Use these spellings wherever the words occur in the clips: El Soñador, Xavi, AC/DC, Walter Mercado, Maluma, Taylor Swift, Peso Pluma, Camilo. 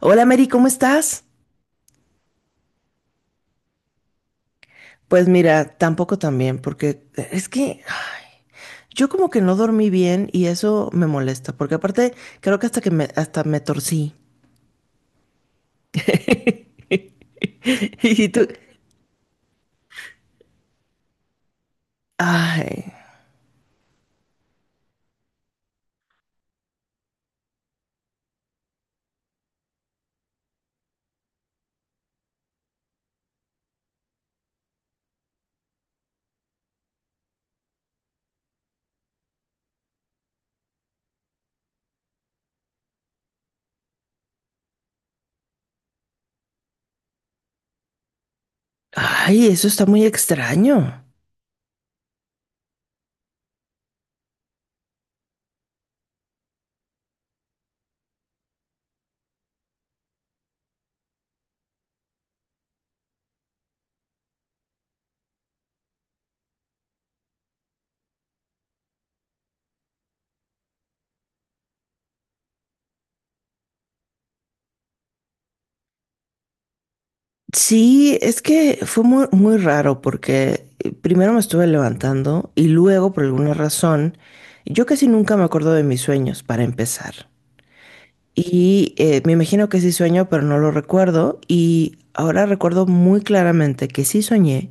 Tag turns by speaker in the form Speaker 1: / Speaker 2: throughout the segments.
Speaker 1: Hola Mary, ¿cómo estás? Pues mira, tampoco tan bien, porque es que ay, yo como que no dormí bien y eso me molesta, porque aparte creo que hasta que me, hasta me torcí. Y tú, ay, ay, eso está muy extraño. Sí, es que fue muy, muy raro porque primero me estuve levantando y luego por alguna razón, yo casi nunca me acuerdo de mis sueños para empezar. Y me imagino que sí sueño, pero no lo recuerdo. Y ahora recuerdo muy claramente que sí soñé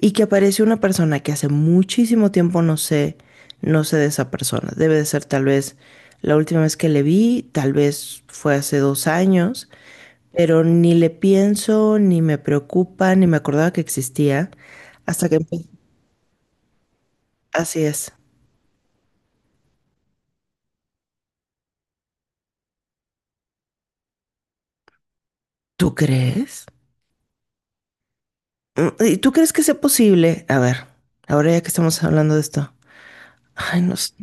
Speaker 1: y que apareció una persona que hace muchísimo tiempo no sé, no sé de esa persona. Debe de ser tal vez la última vez que le vi, tal vez fue hace 2 años, pero ni le pienso, ni me preocupa, ni me acordaba que existía hasta que... Así es. ¿Tú crees? Mm, ¿y tú crees que sea posible? A ver, ahora ya que estamos hablando de esto. Ay, no sé.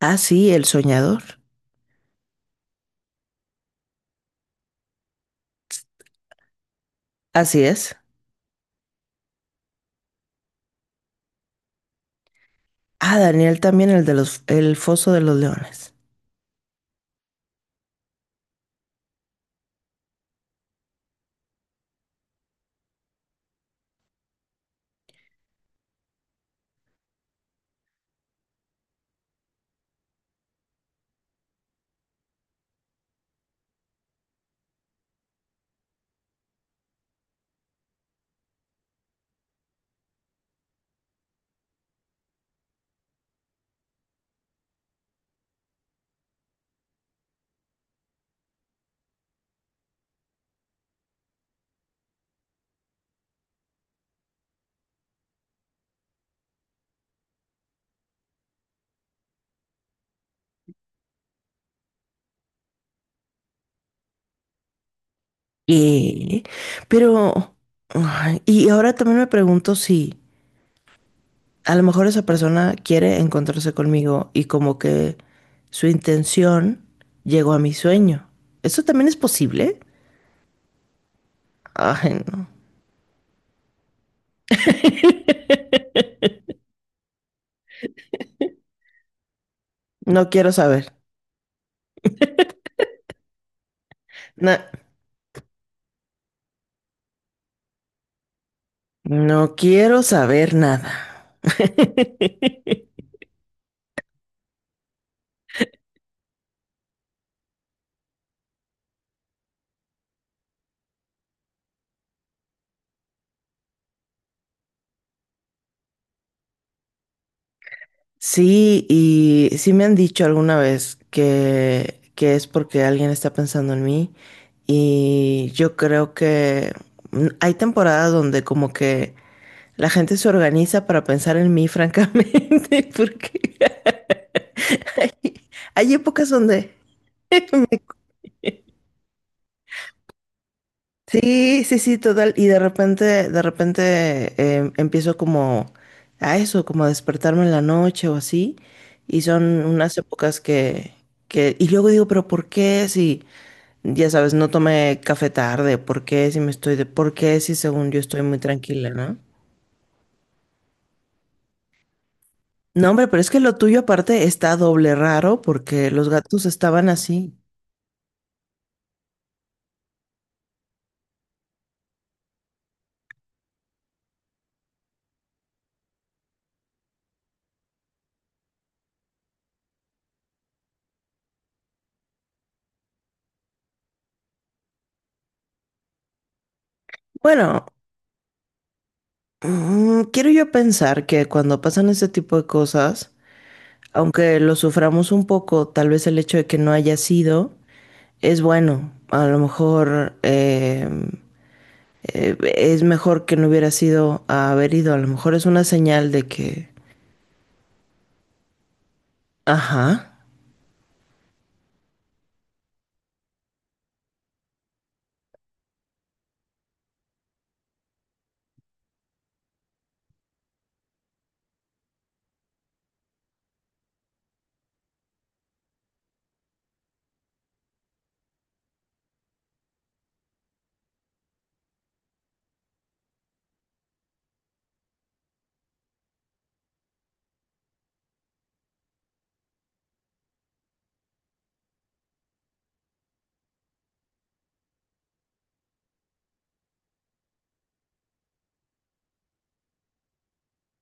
Speaker 1: Ah, sí, El Soñador. Así es. Ah, Daniel también, el de los, el Foso de los Leones. Y, pero, ay, y ahora también me pregunto si a lo mejor esa persona quiere encontrarse conmigo y como que su intención llegó a mi sueño. ¿Eso también es posible? Ay, no. No quiero saber. Na- no quiero saber nada. Sí, y sí me han dicho alguna vez que es porque alguien está pensando en mí, y yo creo que hay temporadas donde como que la gente se organiza para pensar en mí, francamente, porque hay, hay épocas donde... Sí, sí, sí, total. Y de repente empiezo como a eso, como a despertarme en la noche o así. Y son unas épocas que... Y luego digo, pero ¿por qué? Si... ya sabes, no tomé café tarde, ¿por qué si me estoy de, por qué si según yo estoy muy tranquila, ¿no? No, hombre, pero es que lo tuyo aparte está doble raro porque los gatos estaban así. Bueno, quiero yo pensar que cuando pasan ese tipo de cosas, aunque lo suframos un poco, tal vez el hecho de que no haya sido, es bueno. A lo mejor es mejor que no hubiera sido a haber ido. A lo mejor es una señal de que, ajá.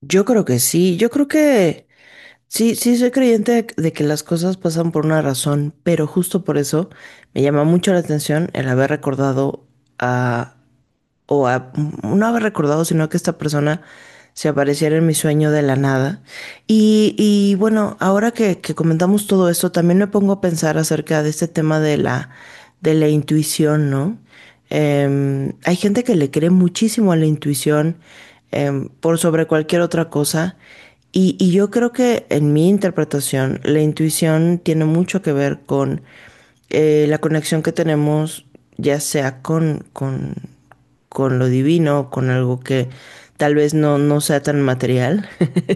Speaker 1: Yo creo que sí, yo creo que sí, sí soy creyente de que las cosas pasan por una razón, pero justo por eso me llama mucho la atención el haber recordado a o a- no haber recordado, sino que esta persona se apareciera en mi sueño de la nada. Y bueno, ahora que comentamos todo esto, también me pongo a pensar acerca de este tema de la intuición, ¿no? Hay gente que le cree muchísimo a la intuición, por sobre cualquier otra cosa. Y, yo creo que en mi interpretación, la intuición tiene mucho que ver con la conexión que tenemos, ya sea con lo divino, con algo que tal vez no, no sea tan material,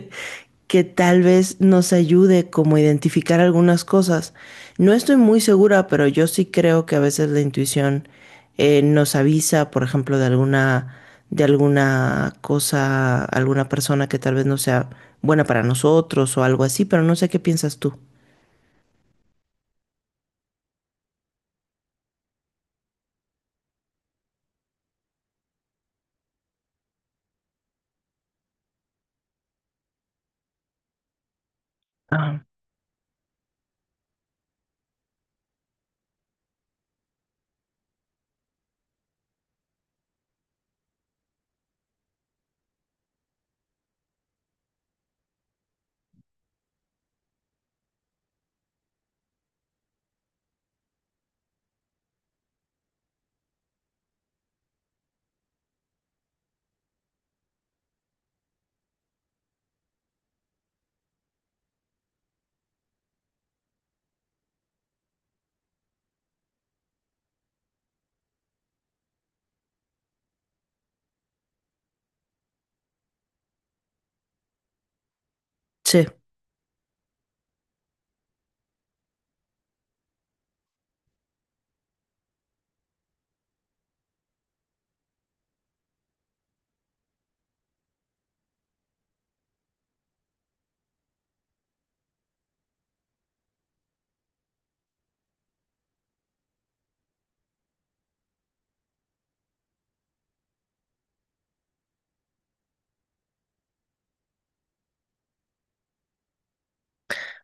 Speaker 1: que tal vez nos ayude como a identificar algunas cosas. No estoy muy segura, pero yo sí creo que a veces la intuición nos avisa, por ejemplo, de alguna cosa, alguna persona que tal vez no sea buena para nosotros o algo así, pero no sé qué piensas tú. Ah, sí.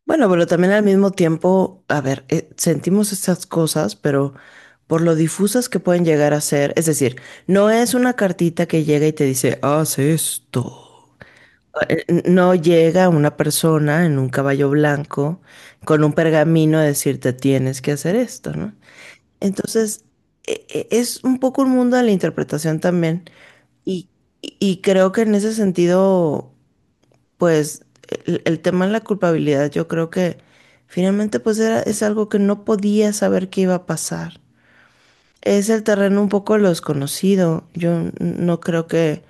Speaker 1: Bueno, pero también al mismo tiempo, a ver, sentimos estas cosas, pero por lo difusas que pueden llegar a ser, es decir, no es una cartita que llega y te dice, haz esto. No llega una persona en un caballo blanco con un pergamino a decirte tienes que hacer esto, ¿no? Entonces, es un poco un mundo de la interpretación también. Y, y creo que en ese sentido pues el tema de la culpabilidad, yo creo que finalmente pues era, es algo que no podía saber que iba a pasar. Es el terreno un poco lo desconocido. Yo no creo que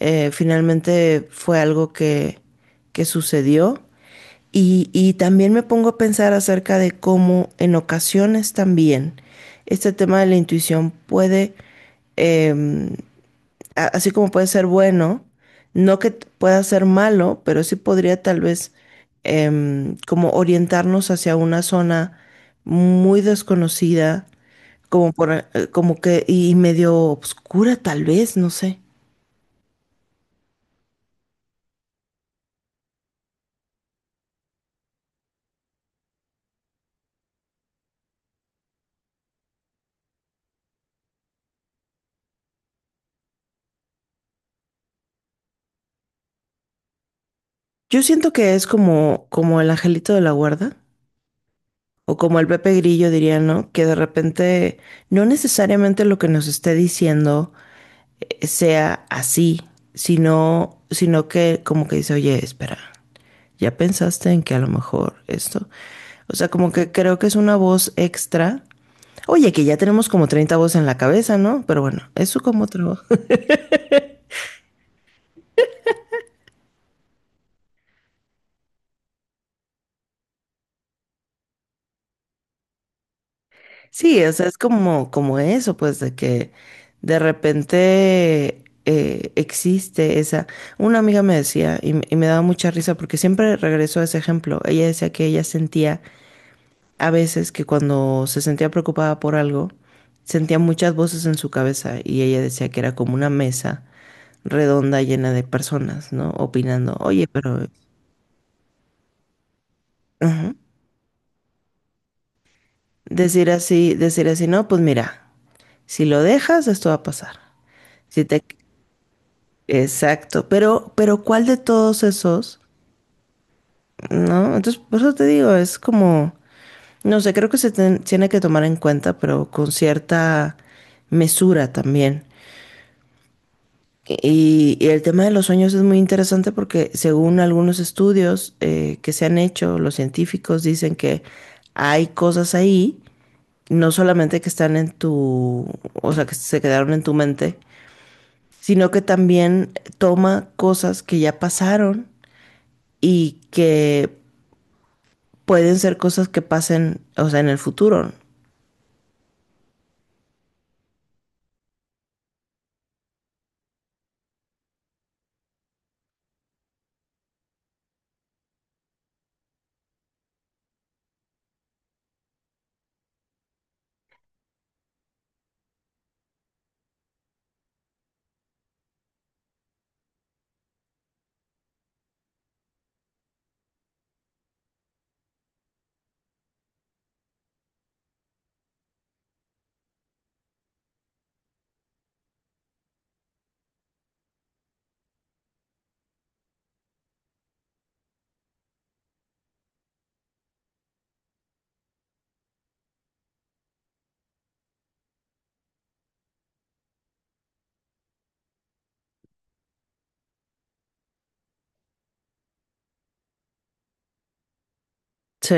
Speaker 1: finalmente fue algo que sucedió. Y también me pongo a pensar acerca de cómo en ocasiones también este tema de la intuición puede... em, así como puede ser bueno, no que pueda ser malo, pero sí podría tal vez como orientarnos hacia una zona muy desconocida, como por, como que y medio obscura tal vez, no sé. Yo siento que es como, como el angelito de la guarda, o como el Pepe Grillo diría, ¿no? Que de repente no necesariamente lo que nos esté diciendo sea así, sino, sino que como que dice, oye, espera. ¿Ya pensaste en que a lo mejor esto? O sea, como que creo que es una voz extra. Oye, que ya tenemos como 30 voces en la cabeza, ¿no? Pero bueno, eso como otro. Sí, o sea, es como, como eso, pues, de que de repente existe esa. Una amiga me decía, y, y me daba mucha risa, porque siempre regreso a ese ejemplo. Ella decía que ella sentía a veces que cuando se sentía preocupada por algo, sentía muchas voces en su cabeza, y ella decía que era como una mesa redonda llena de personas, ¿no? Opinando, oye, pero... ajá. Decir así, no, pues mira, si lo dejas, esto va a pasar. Si te... Exacto, pero ¿cuál de todos esos? ¿No? Entonces, por eso te digo, es como, no sé, creo que se tiene que tomar en cuenta, pero con cierta mesura también. Y el tema de los sueños es muy interesante porque según algunos estudios que se han hecho, los científicos dicen que hay cosas ahí, no solamente que están en tu, o sea, que se quedaron en tu mente, sino que también toma cosas que ya pasaron y que pueden ser cosas que pasen, o sea, en el futuro. Sí,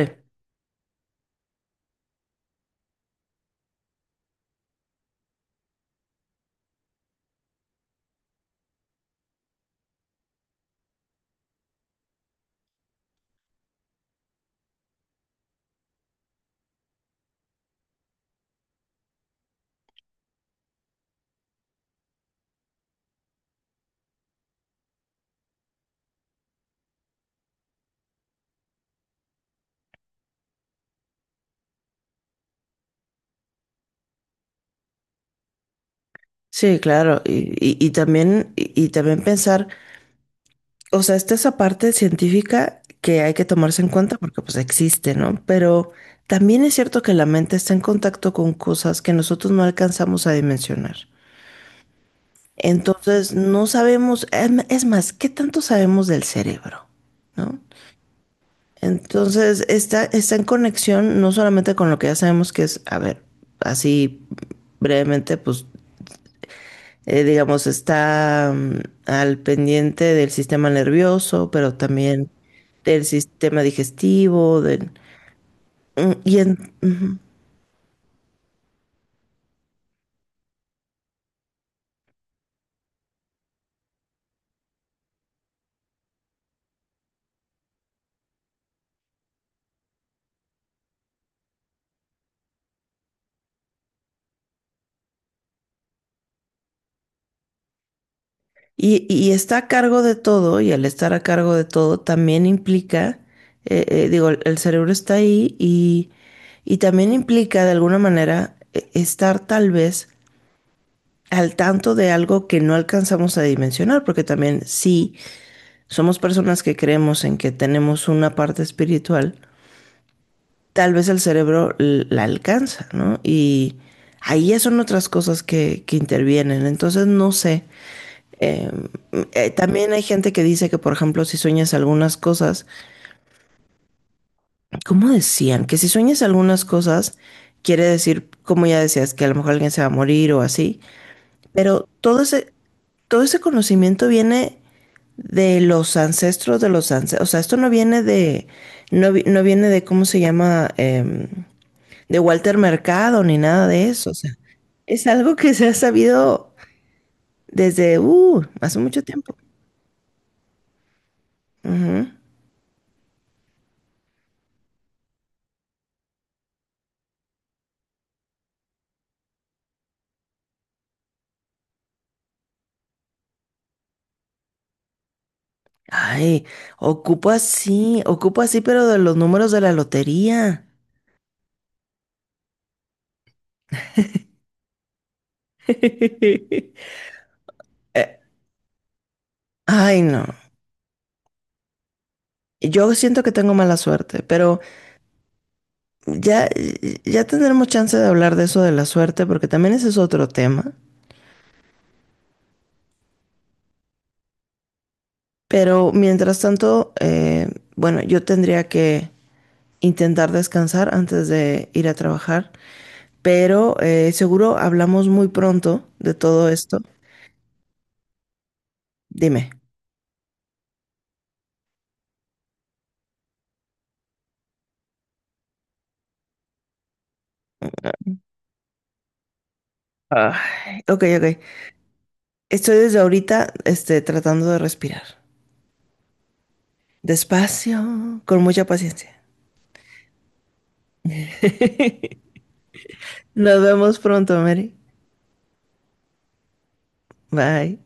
Speaker 1: sí, claro. Y, y también, y también pensar o sea, está esa parte científica que hay que tomarse en cuenta porque pues existe, ¿no? Pero también es cierto que la mente está en contacto con cosas que nosotros no alcanzamos a dimensionar. Entonces, no sabemos, es más, ¿qué tanto sabemos del cerebro? ¿No? Entonces, está, está en conexión no solamente con lo que ya sabemos que es, a ver, así brevemente, pues digamos, está al pendiente del sistema nervioso, pero también del sistema digestivo, del, y, ujú. Y, y está a cargo de todo, y al estar a cargo de todo también implica, digo, el cerebro está ahí y también implica de alguna manera estar tal vez al tanto de algo que no alcanzamos a dimensionar, porque también sí, somos personas que creemos en que tenemos una parte espiritual, tal vez el cerebro la alcanza, ¿no? Y ahí ya son otras cosas que intervienen. Entonces, no sé. Eh, también hay gente que dice que, por ejemplo, si sueñas algunas cosas, ¿cómo decían? Que si sueñas algunas cosas, quiere decir, como ya decías, que a lo mejor alguien se va a morir o así. Pero todo ese conocimiento viene de los ancestros de los ancestros. O sea, esto no viene de, no, no viene de, ¿cómo se llama? De Walter Mercado ni nada de eso. O sea, es algo que se ha sabido desde hace mucho tiempo. Ujú. Ay, ocupo así, pero de los números de la lotería. Eh, ay, no. Yo siento que tengo mala suerte, pero ya, ya tendremos chance de hablar de eso de la suerte, porque también ese es otro tema. Pero mientras tanto, bueno, yo tendría que intentar descansar antes de ir a trabajar. Pero seguro hablamos muy pronto de todo esto. Dime. Ay, ok, ok. Estoy desde ahorita, este, tratando de respirar. Despacio, con mucha paciencia. Nos vemos pronto, Mary. Bye.